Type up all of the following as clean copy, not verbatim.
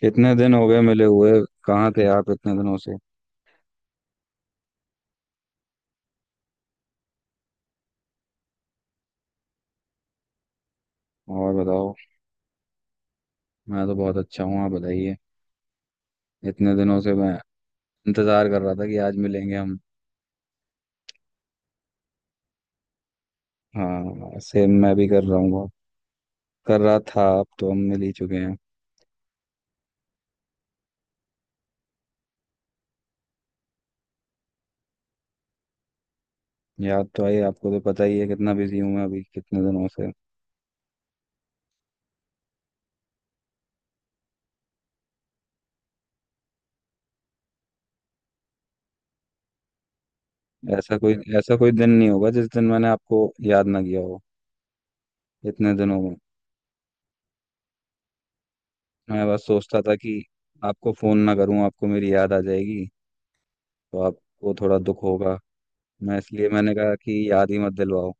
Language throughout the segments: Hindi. कितने दिन हो गए मिले हुए। कहाँ थे आप इतने दिनों से। और बताओ। मैं तो बहुत अच्छा हूँ, आप बताइए। इतने दिनों से मैं इंतजार कर रहा था कि आज मिलेंगे हम। हाँ सेम, मैं भी कर रहा हूँ बहुत। कर रहा था, अब तो हम मिल ही चुके हैं। याद तो आई, आपको तो पता ही है कितना बिजी हूँ मैं अभी, कितने दिनों से। ऐसा कोई दिन नहीं होगा जिस दिन मैंने आपको याद ना किया हो इतने दिनों में। मैं बस सोचता था कि आपको फोन ना करूँ, आपको मेरी याद आ जाएगी तो आपको थोड़ा दुख होगा। मैं इसलिए मैंने कहा कि याद ही मत दिलवाओ।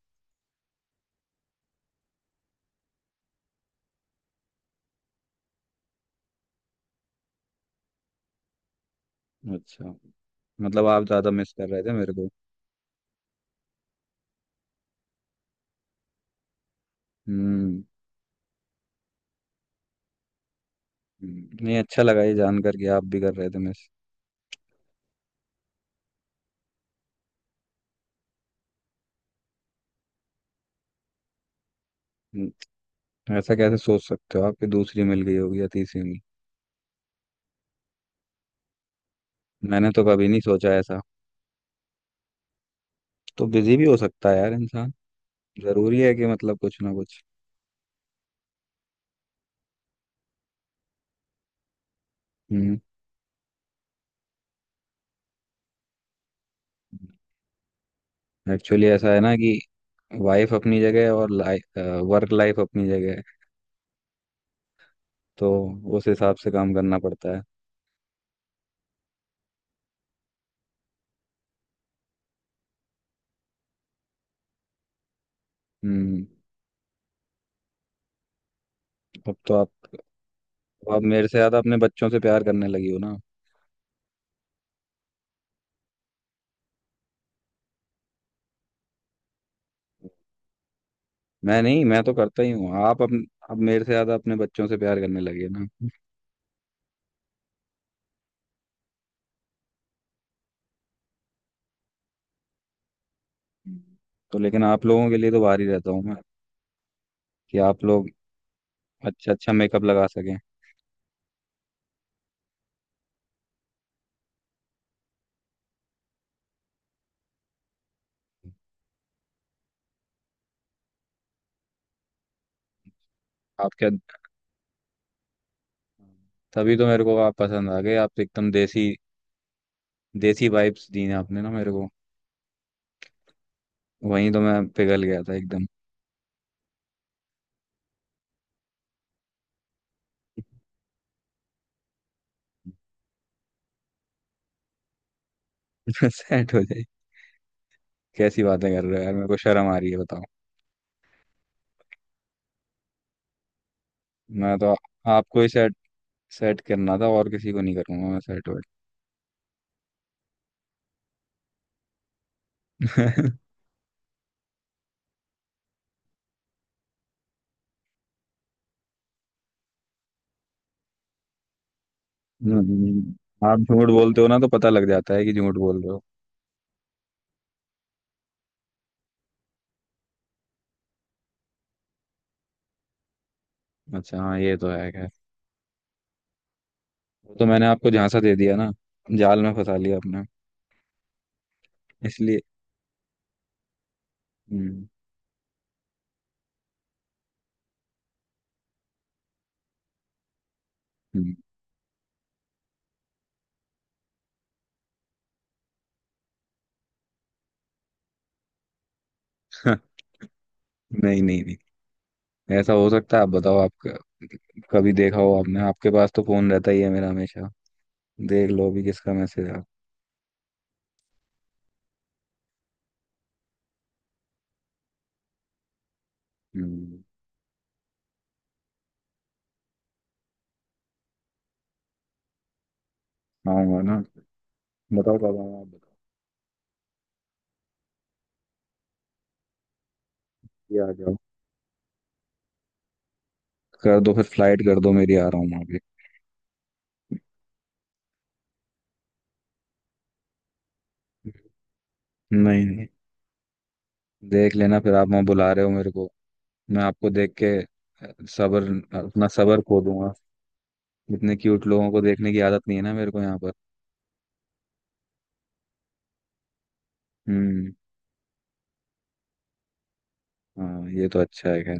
अच्छा, मतलब आप ज़्यादा मिस कर रहे थे मेरे को। हम्म। नहीं, अच्छा लगा ये जान कर कि आप भी कर रहे थे मिस। हम्म, ऐसा कैसे सोच सकते हो आप कि दूसरी मिल गई होगी या तीसरी मिल। मैंने तो कभी नहीं सोचा ऐसा। तो बिजी भी हो सकता है यार इंसान। ज़रूरी है कि मतलब कुछ ना कुछ। हम्म, एक्चुअली ऐसा है ना कि वाइफ अपनी जगह है और लाइफ, वर्क लाइफ अपनी जगह है, तो उस हिसाब से काम करना पड़ता है। हम्म। अब तो आप मेरे से ज़्यादा अपने बच्चों से प्यार करने लगी हो ना। मैं नहीं, मैं तो करता ही हूँ। आप अब मेरे से ज्यादा अपने बच्चों से प्यार करने लगे ना। तो लेकिन आप लोगों के लिए तो बाहर ही रहता हूँ मैं, कि आप लोग अच्छा अच्छा मेकअप लगा सकें। आप क्या, तभी तो मेरे को आप पसंद आ गए। आप तो एकदम देसी, देसी वाइब्स दी ना आपने ना मेरे को। वहीं तो मैं पिघल गया था एकदम। सेट हो जाए। कैसी बातें कर रहे हो यार, मेरे को शर्म आ रही है बताओ। मैं तो आपको ही सेट सेट करना था, और किसी को नहीं करूंगा मैं सेट। वेट। आप झूठ बोलते हो ना तो पता लग जाता है कि झूठ बोल रहे हो। अच्छा हाँ, ये तो है खैर। वो तो मैंने आपको झांसा दे दिया ना, जाल में फंसा लिया आपने इसलिए। हम्म। हम्म, नहीं नहीं नहीं, ऐसा हो सकता है आप बताओ। कभी देखा हो आपने, आपके पास तो फोन रहता ही है मेरा हमेशा, देख लो अभी किसका मैसेज आ। हम्म। आऊंगा ना, बताओ कब आऊँ आप बताओ। ये आ जाओ, कर दो फिर फ्लाइट कर दो मेरी, आ रहा हूँ वहाँ पे। नहीं नहीं, देख लेना फिर आप वहाँ बुला रहे हो मेरे को। मैं आपको देख के सबर, अपना सबर खो दूंगा। इतने क्यूट लोगों को देखने की आदत नहीं है ना मेरे को यहाँ पर। हम्म। हाँ ये तो अच्छा है खैर।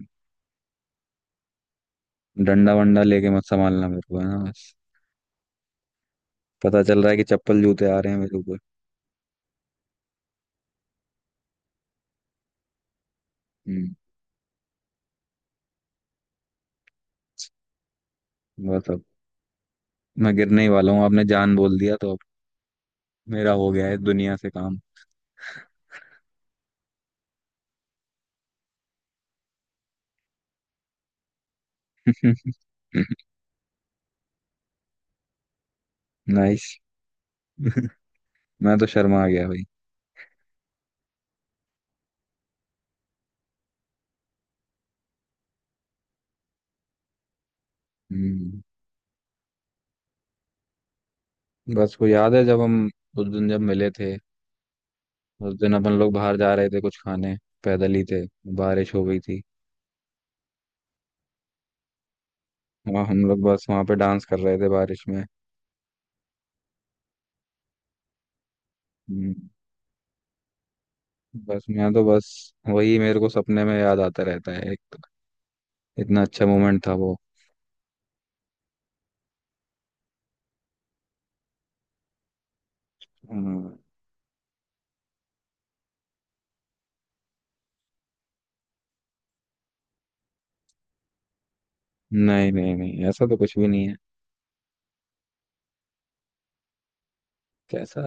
डंडा वंडा लेके मत संभालना मेरे को, है ना बस। पता चल रहा है कि चप्पल जूते आ रहे हैं मेरे ऊपर। हम्म। बस अब मैं गिरने ही वाला हूँ, आपने जान बोल दिया तो अब मेरा हो गया है दुनिया से काम। नाइस। मैं तो शर्मा आ गया भाई। हम्म। बस वो याद है जब हम, उस दिन जब मिले थे, उस दिन अपन लोग बाहर जा रहे थे कुछ खाने, पैदल ही थे, बारिश हो गई थी, वहाँ हम लोग बस वहाँ पे डांस कर रहे थे बारिश में। हम्म, बस मैं तो बस वही मेरे को सपने में याद आता रहता है एक, तो इतना अच्छा मोमेंट था वो। हम्म, नहीं नहीं नहीं, ऐसा तो कुछ भी नहीं है। कैसा,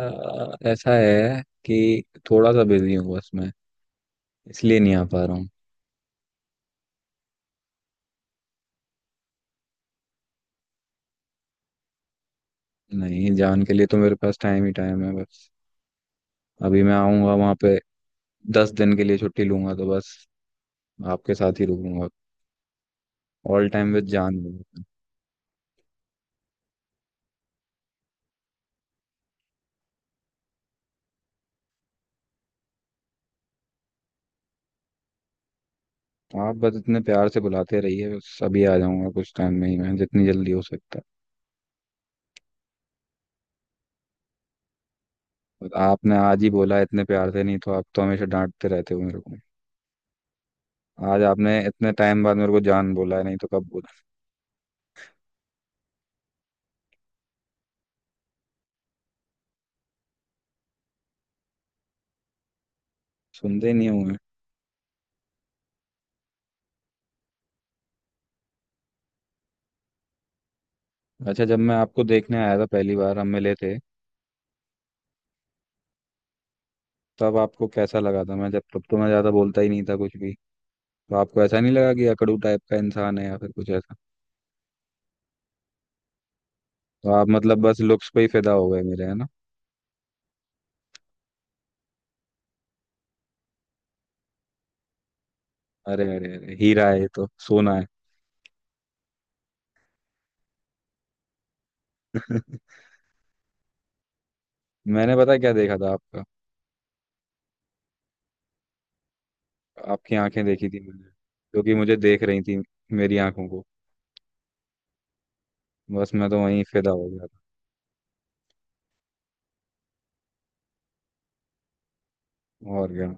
ऐसा है कि थोड़ा सा बिजी हूँ बस मैं, इसलिए नहीं आ पा रहा हूँ। नहीं, जान के लिए तो मेरे पास टाइम ही टाइम है बस। अभी मैं आऊंगा वहाँ पे, 10 दिन के लिए छुट्टी लूंगा तो बस आपके साथ ही रुकूंगा। ऑल टाइम विद जान है। आप बस इतने प्यार से बुलाते रहिए, बस अभी आ जाऊंगा कुछ टाइम में ही, मैं जितनी जल्दी हो सकता है। और आपने आज ही बोला है इतने प्यार से, नहीं तो आप तो हमेशा डांटते रहते हो मेरे को। आज आपने इतने टाइम बाद मेरे को जान बोला है, नहीं तो कब बोला। सुनते ही नहीं हुए। अच्छा, जब मैं आपको देखने आया था पहली बार हम मिले थे, तब आपको कैसा लगा था? मैं जब, तब तो मैं ज्यादा बोलता ही नहीं था कुछ भी, तो आपको ऐसा नहीं लगा कि अकड़ू टाइप का इंसान है या फिर कुछ ऐसा? तो आप मतलब बस लुक्स पे ही फिदा हो गए मेरे, है ना? अरे अरे अरे, हीरा है ये तो, सोना है। मैंने पता क्या देखा था आपका? आपकी आंखें देखी थी मैंने, जो कि मुझे देख रही थी मेरी आंखों को। बस मैं तो वहीं फिदा हो गया था, और क्या।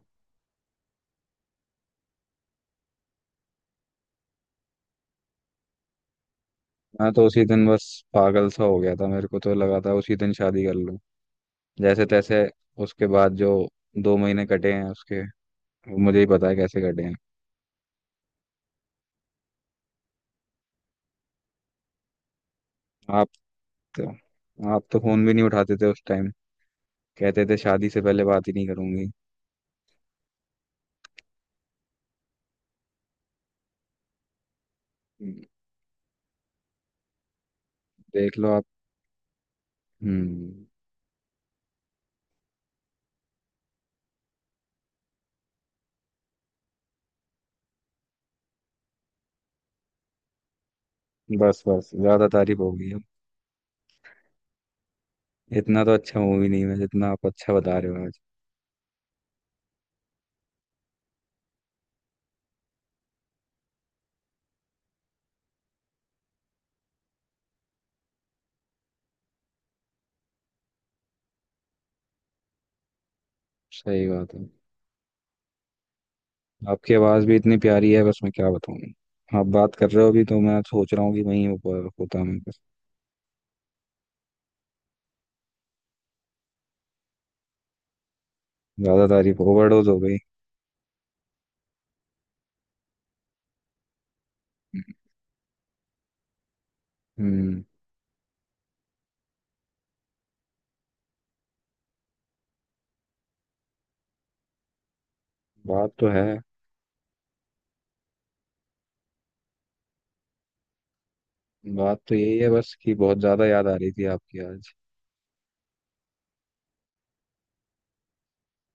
मैं तो उसी दिन बस पागल सा हो गया था, मेरे को तो लगा था उसी दिन शादी कर लूं जैसे तैसे। उसके बाद जो 2 महीने कटे हैं उसके, वो मुझे ही पता है कैसे कटे हैं। आप तो आप तो फोन भी नहीं उठाते थे उस टाइम, कहते थे शादी से पहले बात ही नहीं करूंगी। हम्म, देख लो आप। हम्म। बस बस, ज्यादा तारीफ होगी, इतना तो अच्छा मूवी नहीं है जितना आप अच्छा बता रहे हो आज। सही बात है। आपकी आवाज़ भी इतनी प्यारी है, बस मैं क्या बताऊँ। आप बात कर रहे हो अभी तो मैं सोच रहा हूँ कि वहीं ऊपर होता मैं बस। ज़्यादा तारीफ, ओवरडोज हो गई। हम्म। बात तो है। बात तो यही है बस कि बहुत ज़्यादा याद आ रही थी आपकी आज।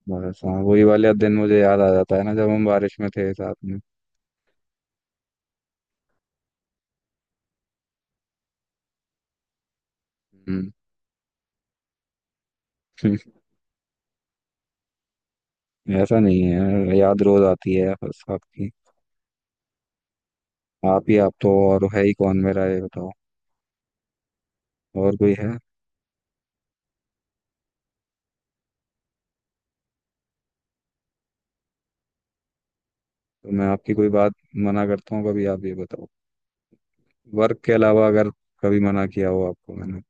बस हाँ, वही वाले दिन मुझे याद आ जाता है ना जब हम बारिश में थे साथ में। हम्म। ऐसा नहीं है, याद रोज आती है बस आपकी। आप ही, आप तो, और है ही कौन मेरा ये बताओ, और कोई है? तो मैं आपकी कोई बात मना करता हूँ कभी? आप ये बताओ, वर्क के अलावा अगर कभी मना किया हो आपको मैंने।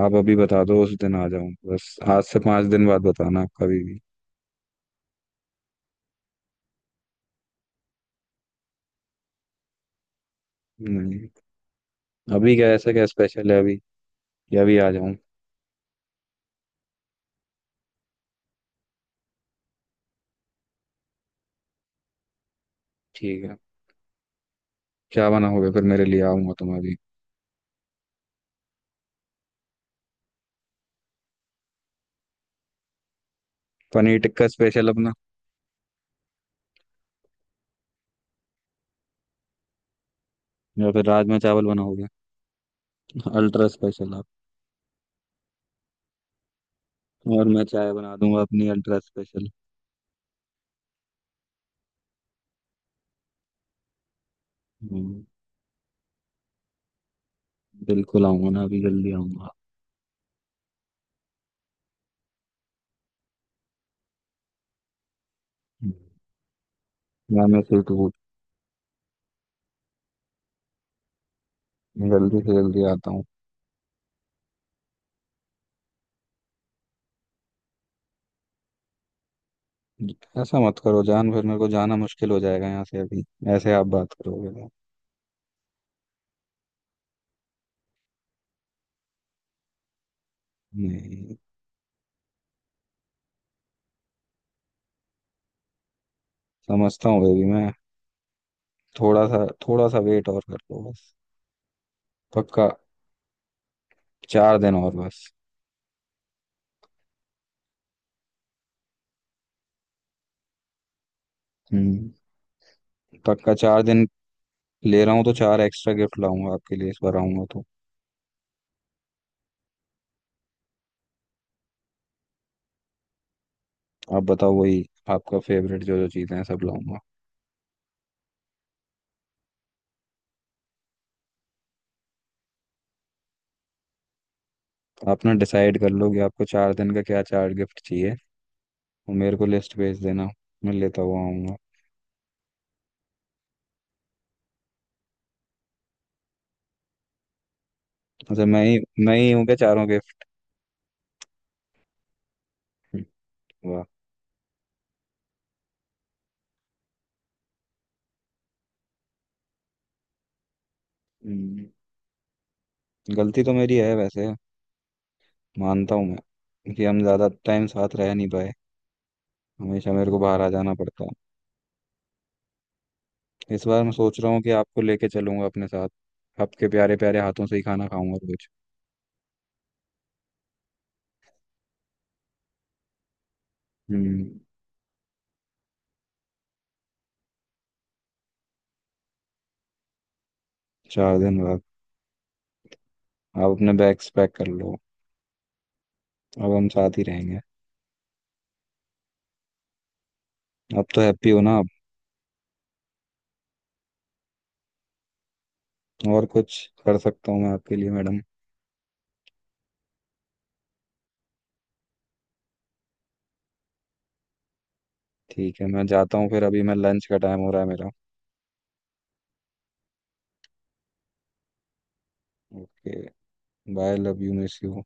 आप अभी बता दो उस दिन आ जाऊं, बस आज से 5 दिन बाद बताना आप कभी भी। नहीं, अभी क्या ऐसा क्या स्पेशल है अभी, या अभी आ जाऊं? ठीक है। क्या बना होगा फिर मेरे लिए, आऊंगा तुम अभी? पनीर टिक्का स्पेशल अपना, या फिर राजमा चावल बना होगा अल्ट्रा स्पेशल आप? और मैं चाय बना दूंगा अपनी अल्ट्रा स्पेशल। हम्म, बिल्कुल आऊंगा ना अभी, जल्दी आऊंगा। हम्म, या मैं फिर तो जल्दी से जल्दी आता हूँ। ऐसा मत करो जान, फिर मेरे को जाना मुश्किल हो जाएगा यहाँ से अभी, ऐसे आप बात करोगे तो। नहीं। समझता हूँ बेबी मैं। थोड़ा सा वेट और कर लो बस, पक्का। 4 दिन और बस। हम्म, पक्का 4 दिन ले रहा हूँ तो चार एक्स्ट्रा गिफ्ट लाऊंगा आपके लिए इस बार, आऊंगा तो। आप बताओ, वही आपका फेवरेट जो जो चीज़ें हैं सब लाऊंगा। आप ना डिसाइड कर लो कि आपको 4 दिन का क्या चार गिफ्ट चाहिए, और मेरे को लिस्ट भेज देना, मैं लेता हुआ आऊंगा। अच्छा, मैं ही हूँ क्या चारों गिफ्ट? वाह। हम्म, गलती तो मेरी है वैसे, मानता हूँ मैं कि हम ज़्यादा टाइम साथ रह नहीं पाए, हमेशा मेरे को बाहर आ जाना पड़ता। इस बार मैं सोच रहा हूँ कि आपको लेके चलूंगा अपने साथ, आपके प्यारे प्यारे हाथों से ही खाना खाऊंगा कुछ। हम्म। 4 दिन बाद आप अपने बैग्स पैक कर लो, अब हम साथ ही रहेंगे। अब तो हैप्पी हो ना आप? और कुछ कर सकता हूँ मैं आपके लिए मैडम? ठीक है, मैं जाता हूँ फिर अभी, मैं लंच का टाइम हो रहा है मेरा। Okay, bye, love you, miss you.